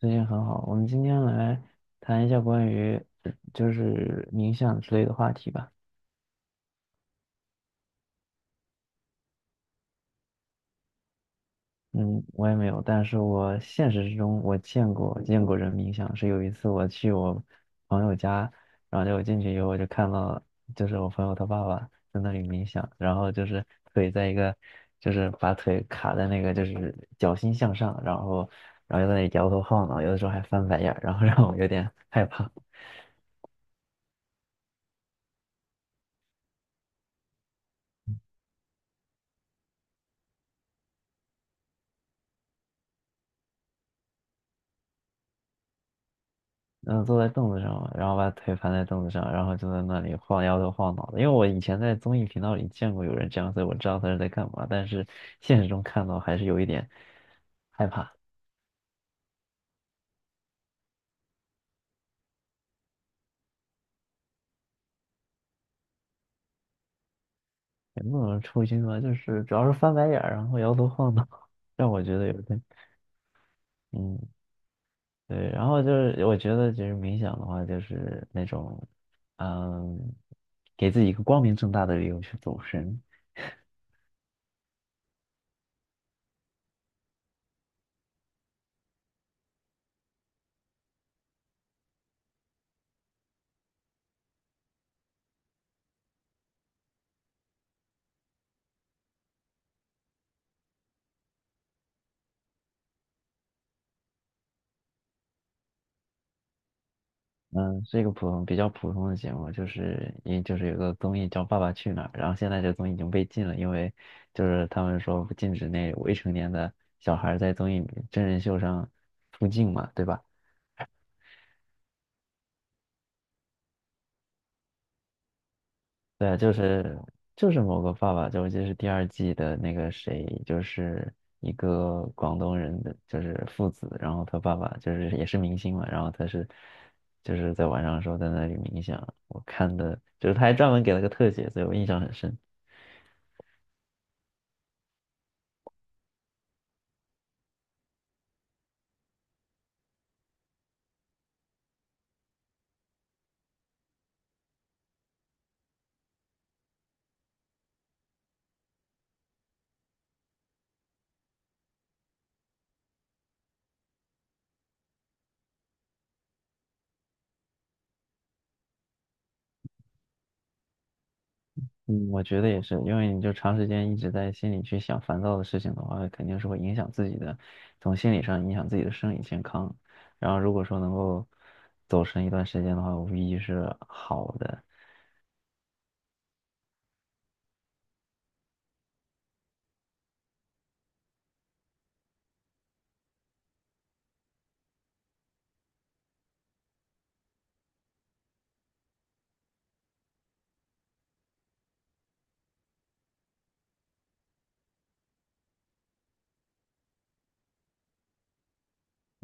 最近很好，我们今天来谈一下关于就是冥想之类的话题吧。嗯，我也没有，但是我现实之中我见过人冥想，是有一次我去我朋友家，然后就我进去以后我就看到，就是我朋友他爸爸在那里冥想，然后就是腿在一个，就是把腿卡在那个就是脚心向上，然后就在那里摇头晃脑，有的时候还翻白眼儿，然后让我有点害怕。嗯，坐在凳子上，然后把腿盘在凳子上，然后就在那里晃摇头晃脑的。因为我以前在综艺频道里见过有人这样，所以我知道他是在干嘛。但是现实中看到还是有一点害怕，也不能说抽筋吧，就是主要是翻白眼儿，然后摇头晃脑，让我觉得有点嗯对。然后就是我觉得就是冥想的话，就是那种嗯给自己一个光明正大的理由去走神，嗯，是一个普通、比较普通的节目，就是因就是有个综艺叫《爸爸去哪儿》，然后现在这个综艺已经被禁了，因为就是他们说不禁止那未成年的小孩儿在综艺真人秀上出镜嘛，对吧？对啊，就是某个爸爸，就我记得是第二季的那个谁，就是一个广东人的，就是父子，然后他爸爸就是也是明星嘛，然后他是就是在晚上的时候在那里冥想，我看的就是他还专门给了个特写，所以我印象很深。嗯，我觉得也是，因为你就长时间一直在心里去想烦躁的事情的话，肯定是会影响自己的，从心理上影响自己的生理健康。然后如果说能够走神一段时间的话，无疑是好的。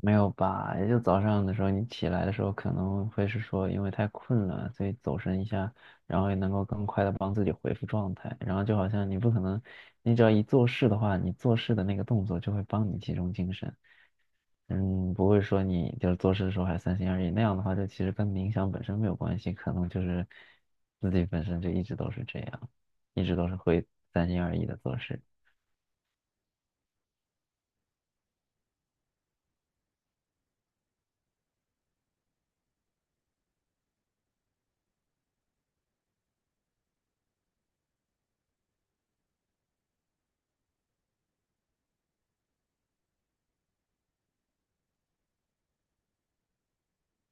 没有吧？也就早上的时候，你起来的时候可能会是说因为太困了，所以走神一下，然后也能够更快的帮自己恢复状态。然后就好像你不可能，你只要一做事的话，你做事的那个动作就会帮你集中精神。嗯，不会说你就是做事的时候还三心二意，那样的话，就其实跟冥想本身没有关系，可能就是自己本身就一直都是这样，一直都是会三心二意的做事。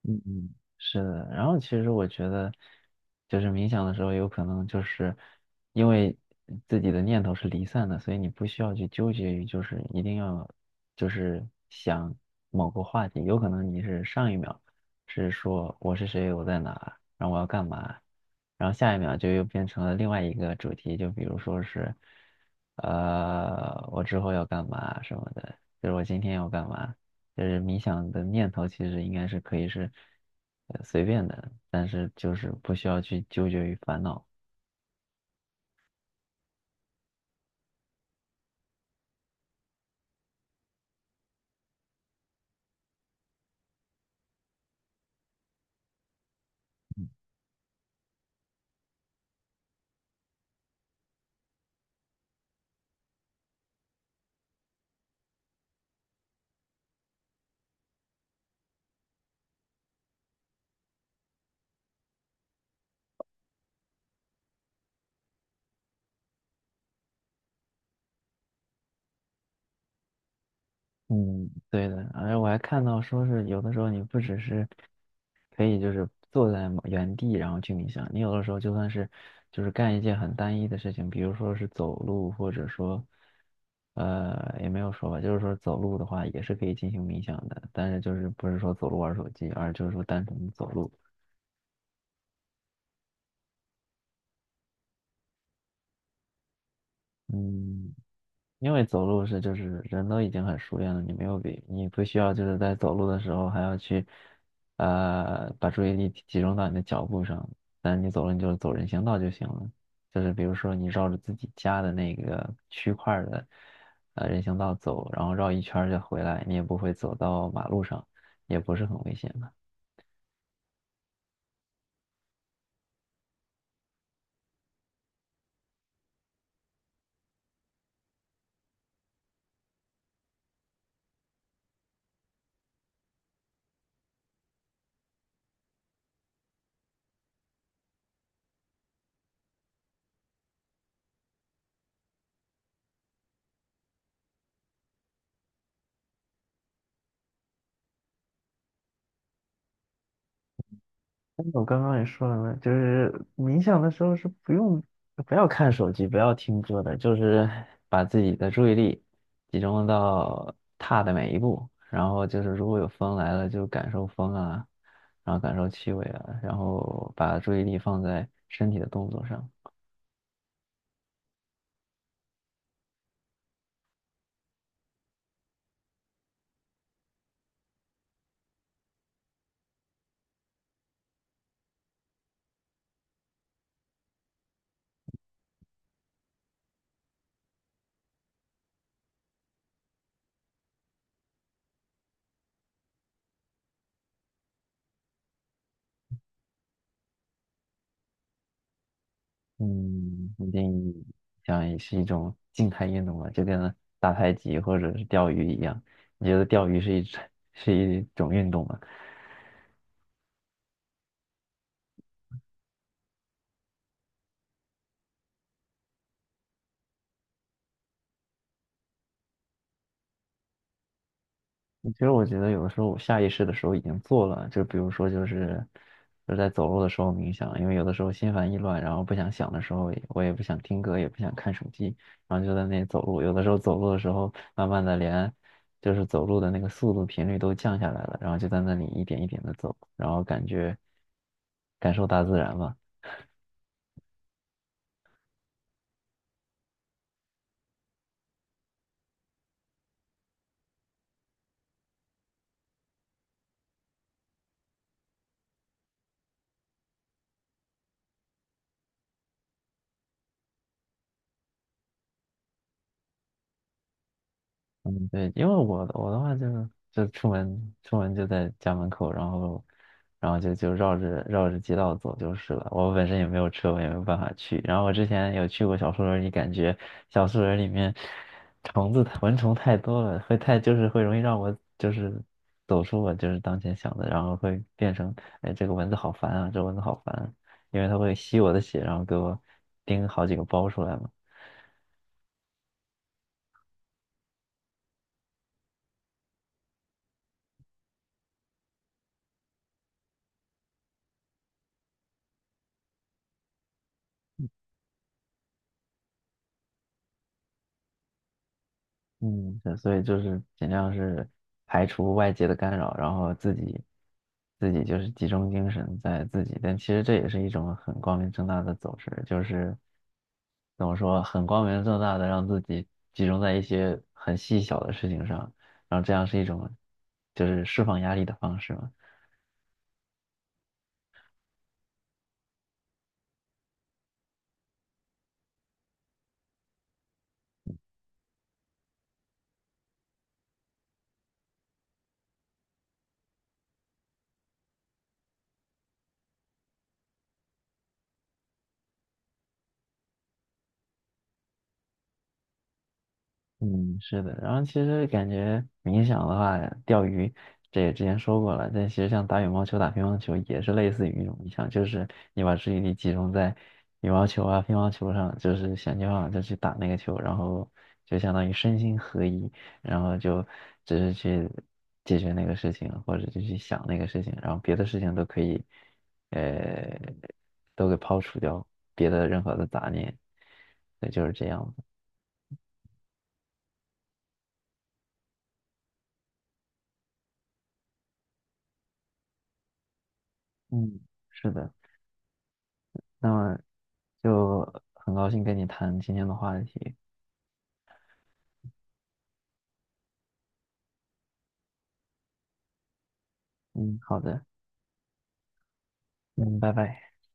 嗯嗯，是的。然后其实我觉得，就是冥想的时候，有可能就是因为自己的念头是离散的，所以你不需要去纠结于就是一定要就是想某个话题。有可能你是上一秒是说我是谁，我在哪，然后我要干嘛，然后下一秒就又变成了另外一个主题，就比如说是我之后要干嘛什么的，就是我今天要干嘛。就是冥想的念头其实应该是可以是随便的，但是就是不需要去纠结于烦恼。嗯，对的，而且我还看到说是有的时候你不只是可以就是坐在某原地然后去冥想，你有的时候就算是就是干一件很单一的事情，比如说是走路，或者说也没有说吧，就是说走路的话也是可以进行冥想的，但是就是不是说走路玩手机，而就是说单纯的走路。嗯，因为走路是就是人都已经很熟练了，你没有比你不需要就是在走路的时候还要去，把注意力集中到你的脚步上。但是你走了，你就走人行道就行了，就是比如说你绕着自己家的那个区块儿的，人行道走，然后绕一圈儿就回来，你也不会走到马路上，也不是很危险的。我刚刚也说了嘛，就是冥想的时候是不用，不要看手机，不要听歌的，就是把自己的注意力集中到踏的每一步，然后就是如果有风来了，就感受风啊，然后感受气味啊，然后把注意力放在身体的动作上。嗯，一定想也是一种静态运动吧，就跟打太极或者是钓鱼一样。你觉得钓鱼是一 是一种运动吗？其实我觉得有的时候我下意识的时候已经做了，就比如说就是在走路的时候冥想，因为有的时候心烦意乱，然后不想想的时候，我也不想听歌，也不想看手机，然后就在那里走路。有的时候走路的时候，慢慢的连就是走路的那个速度频率都降下来了，然后就在那里一点一点的走，然后感觉感受大自然吧。嗯，对，因为我的话就是就出门就在家门口，然后就绕着街道走就是了。我本身也没有车，我也没有办法去。然后我之前有去过小树林里，感觉小树林里面虫子蚊虫太多了，会太就是会容易让我就是走出我就是当前想的，然后会变成哎这个蚊子好烦啊，这蚊子好烦啊因为它会吸我的血，然后给我叮好几个包出来嘛。嗯，对所以就是尽量是排除外界的干扰，然后自己就是集中精神在自己，但其实这也是一种很光明正大的走势，就是怎么说，很光明正大的让自己集中在一些很细小的事情上，然后这样是一种就是释放压力的方式嘛。嗯，是的，然后其实感觉冥想的话，钓鱼这也之前说过了，但其实像打羽毛球、打乒乓球也是类似于一种冥想，就是你把注意力集中在羽毛球啊、乒乓球上，就是想尽办法就去打那个球，然后就相当于身心合一，然后就只是去解决那个事情，或者就去想那个事情，然后别的事情都可以，呃，都给抛除掉，别的任何的杂念，对，就是这样的。嗯，是的。那么就很高兴跟你谈今天的话题。嗯，好的，嗯，拜拜。